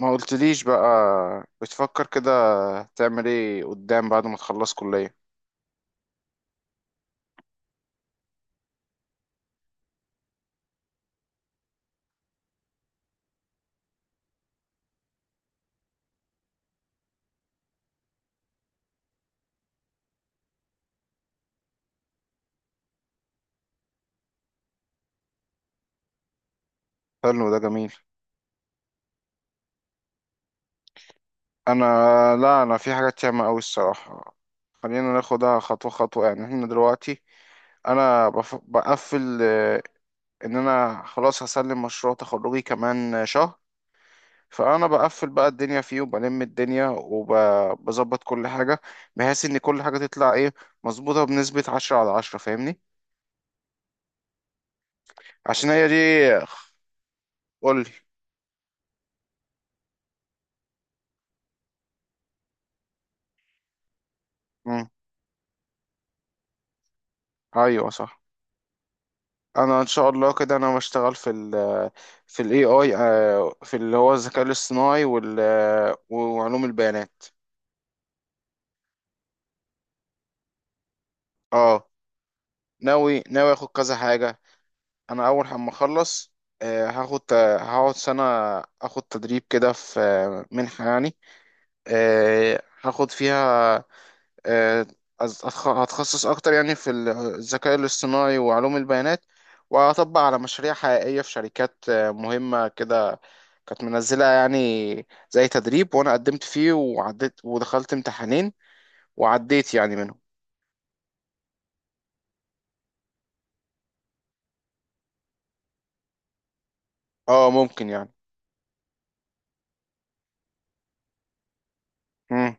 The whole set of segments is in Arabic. ما قلتليش بقى. بتفكر كده؟ تعمل ايه قدام بعد ما تخلص كلية؟ حلو، ده جميل. انا لا، انا في حاجات ياما قوي، الصراحة. خلينا ناخدها خطوة خطوة يعني، احنا دلوقتي. انا بقفل، ان انا خلاص هسلم مشروع تخرجي كمان شهر. فانا بقفل بقى الدنيا فيه، وبلم الدنيا، وبظبط كل حاجة، بحيث ان كل حاجة تطلع ايه مظبوطة بنسبة 10/10، فاهمني. عشان هي دي. قولي. مم. ايوه، صح. انا ان شاء الله كده، انا بشتغل في الاي اي، في اللي هو الذكاء الاصطناعي وال آه، وعلوم البيانات. اه، ناوي اخد كذا حاجه. انا اول ما اخلص، آه، هاخد هقعد سنه، اخد تدريب كده في آه، منحه يعني، هاخد فيها. آه، هتخصص اكتر يعني الذكاء الاصطناعي وعلوم البيانات. وهطبق على مشاريع حقيقيه في شركات مهمه كده، كانت منزلة يعني، زي تدريب، وانا قدمت فيه وعديت، ودخلت امتحانين وعديت يعني منهم. اه، ممكن يعني. مم.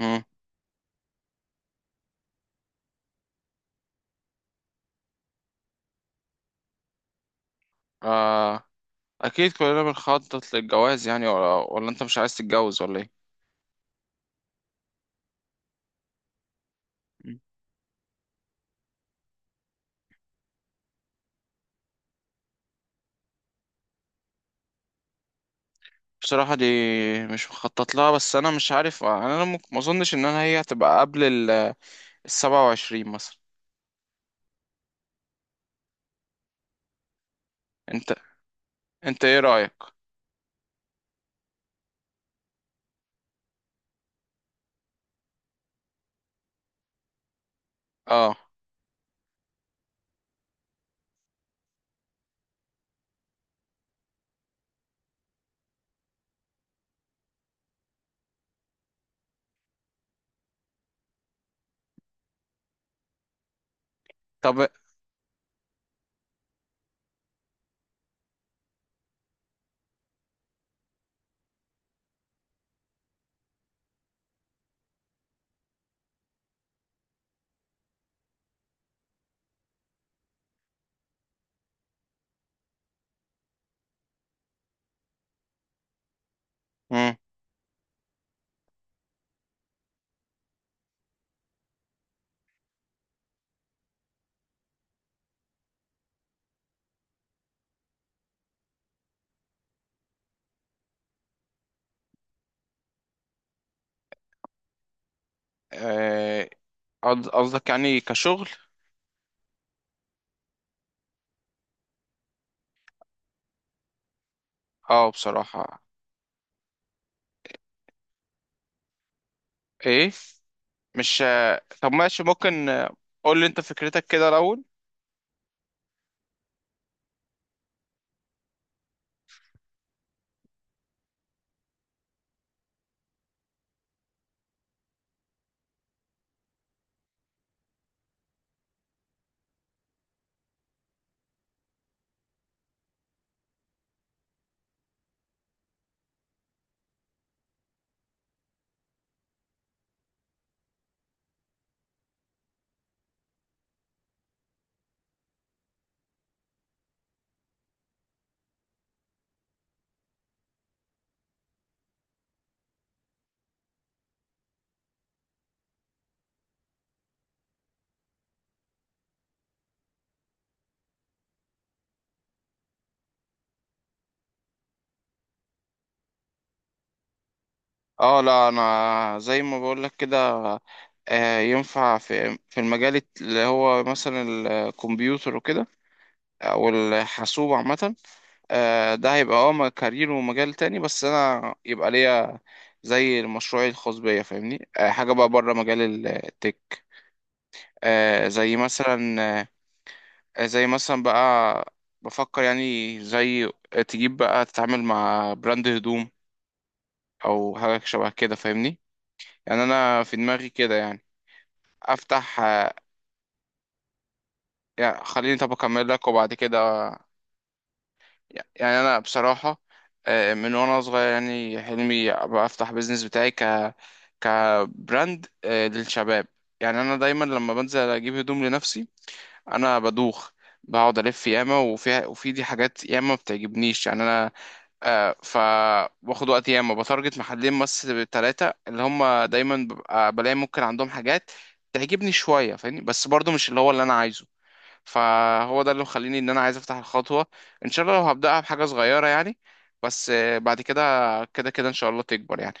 مم. آه. اكيد كلنا بنخطط للجواز يعني، ولا انت مش عايز تتجوز ولا ايه؟ مم. بصراحة، دي مش مخطط لها، بس انا مش عارف، يعني انا ممكن ما اظنش ان انا هي هتبقى قبل ال 27 مثلا. انت انت ايه رأيك؟ اه، طب. مم. آه، قصدك يعني كشغل؟ اه، بصراحة. ايه مش طب، ماشي، ممكن قول لي انت فكرتك كده الاول؟ اه، لا انا زي ما بقول لك كده. ينفع في المجال اللي هو مثلا الكمبيوتر وكده، او الحاسوب عامه. ده هيبقى كارير ومجال تاني، بس انا يبقى ليا زي المشروع الخاص بيا، فاهمني. حاجه بقى بره مجال التك. آه، زي مثلا زي مثلا بقى، بفكر يعني، زي تجيب بقى تتعامل مع براند هدوم، او حاجه شبه كده، فاهمني، يعني انا في دماغي كده، يعني. افتح، يعني خليني، طب اكمل لك وبعد كده. يعني انا بصراحه، من وانا صغير، يعني حلمي ابقى افتح بيزنس بتاعي، كبراند للشباب. يعني انا دايما لما بنزل اجيب هدوم لنفسي، انا بدوخ، بقعد الف ياما وفيها، وفي دي حاجات ياما ما بتعجبنيش يعني. انا فباخد وقت ياما، بتارجت محلين بس ثلاثة، اللي هم دايما ببقى بلاقي ممكن عندهم حاجات تعجبني شوية، فاهمني، بس برضو مش اللي هو اللي أنا عايزه. فهو ده اللي مخليني إن أنا عايز أفتح الخطوة، إن شاء الله لو هبدأها بحاجة صغيرة، يعني. بس، بعد كده. كده كده إن شاء الله تكبر، يعني.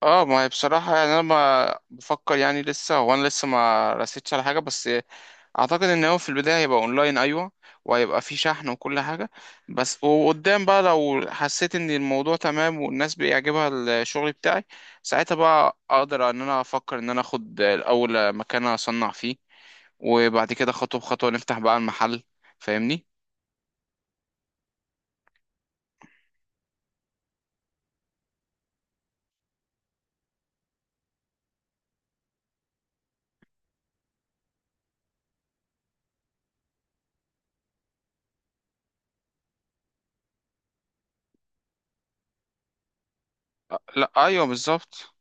اه، ما هي بصراحة يعني، أنا ما بفكر يعني لسه. هو أنا لسه ما رسيتش على حاجة، بس اعتقد ان هو في البدايه هيبقى اونلاين، ايوه، وهيبقى فيه شحن وكل حاجه. بس وقدام بقى، لو حسيت ان الموضوع تمام والناس بيعجبها الشغل بتاعي، ساعتها بقى اقدر ان انا افكر ان انا اخد الاول مكان اصنع فيه، وبعد كده خطوه بخطوه نفتح بقى المحل، فاهمني. لا، ايوه، بالظبط.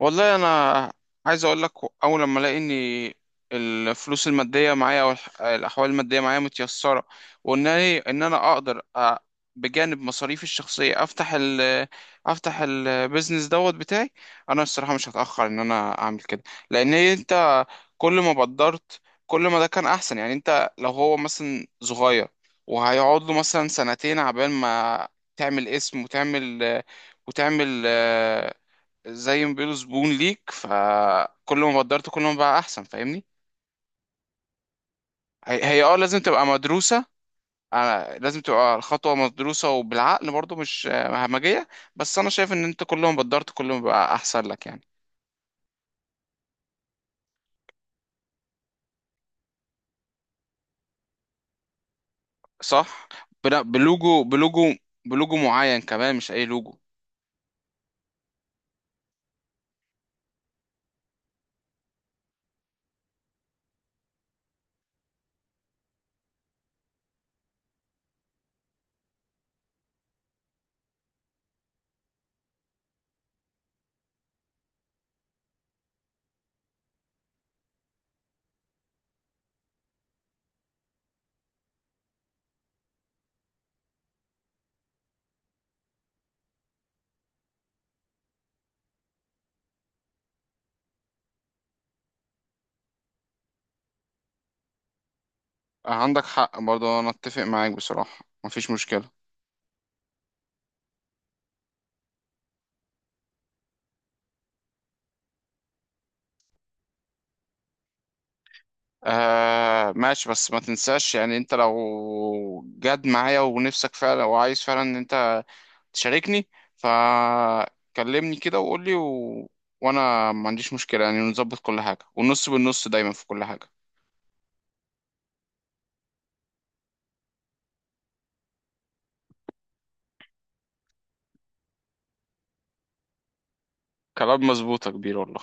والله، انا عايز اقول لك، اول لما الاقي ان الفلوس الماديه معايا، او الاحوال الماديه معايا متيسره، وان أنا- إيه، ان انا اقدر، بجانب مصاريفي الشخصيه، افتح البيزنس دوت بتاعي. انا الصراحه مش هتاخر ان انا اعمل كده، لان هي انت كل ما بدرت كل ما ده كان احسن يعني. انت لو هو مثلا صغير، وهيقعد له مثلا سنتين عبال ما تعمل اسم، وتعمل وتعمل زي ما بيقولوا زبون ليك. فكل ما قدرت كل ما بقى احسن، فاهمني. هي لازم تبقى مدروسة. لازم تبقى الخطوة مدروسة وبالعقل برضو، مش همجية. بس انا شايف ان انت كل ما قدرت كل ما بقى احسن لك، يعني. صح. بلا- بلوجو بلوجو بلوجو معين كمان، مش اي لوجو. عندك حق برضو، انا اتفق معاك، بصراحة مفيش مشكلة. آه، ماشي، بس ما تنساش يعني، انت لو جد معايا ونفسك فعلا وعايز فعلا ان انت تشاركني، فكلمني كده وقول لي، وانا ما عنديش مشكلة، يعني نظبط كل حاجة، والنص بالنص دايما في كل حاجة. كلام مظبوط يا كبير، والله.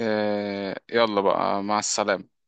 يلا بقى، مع السلامة.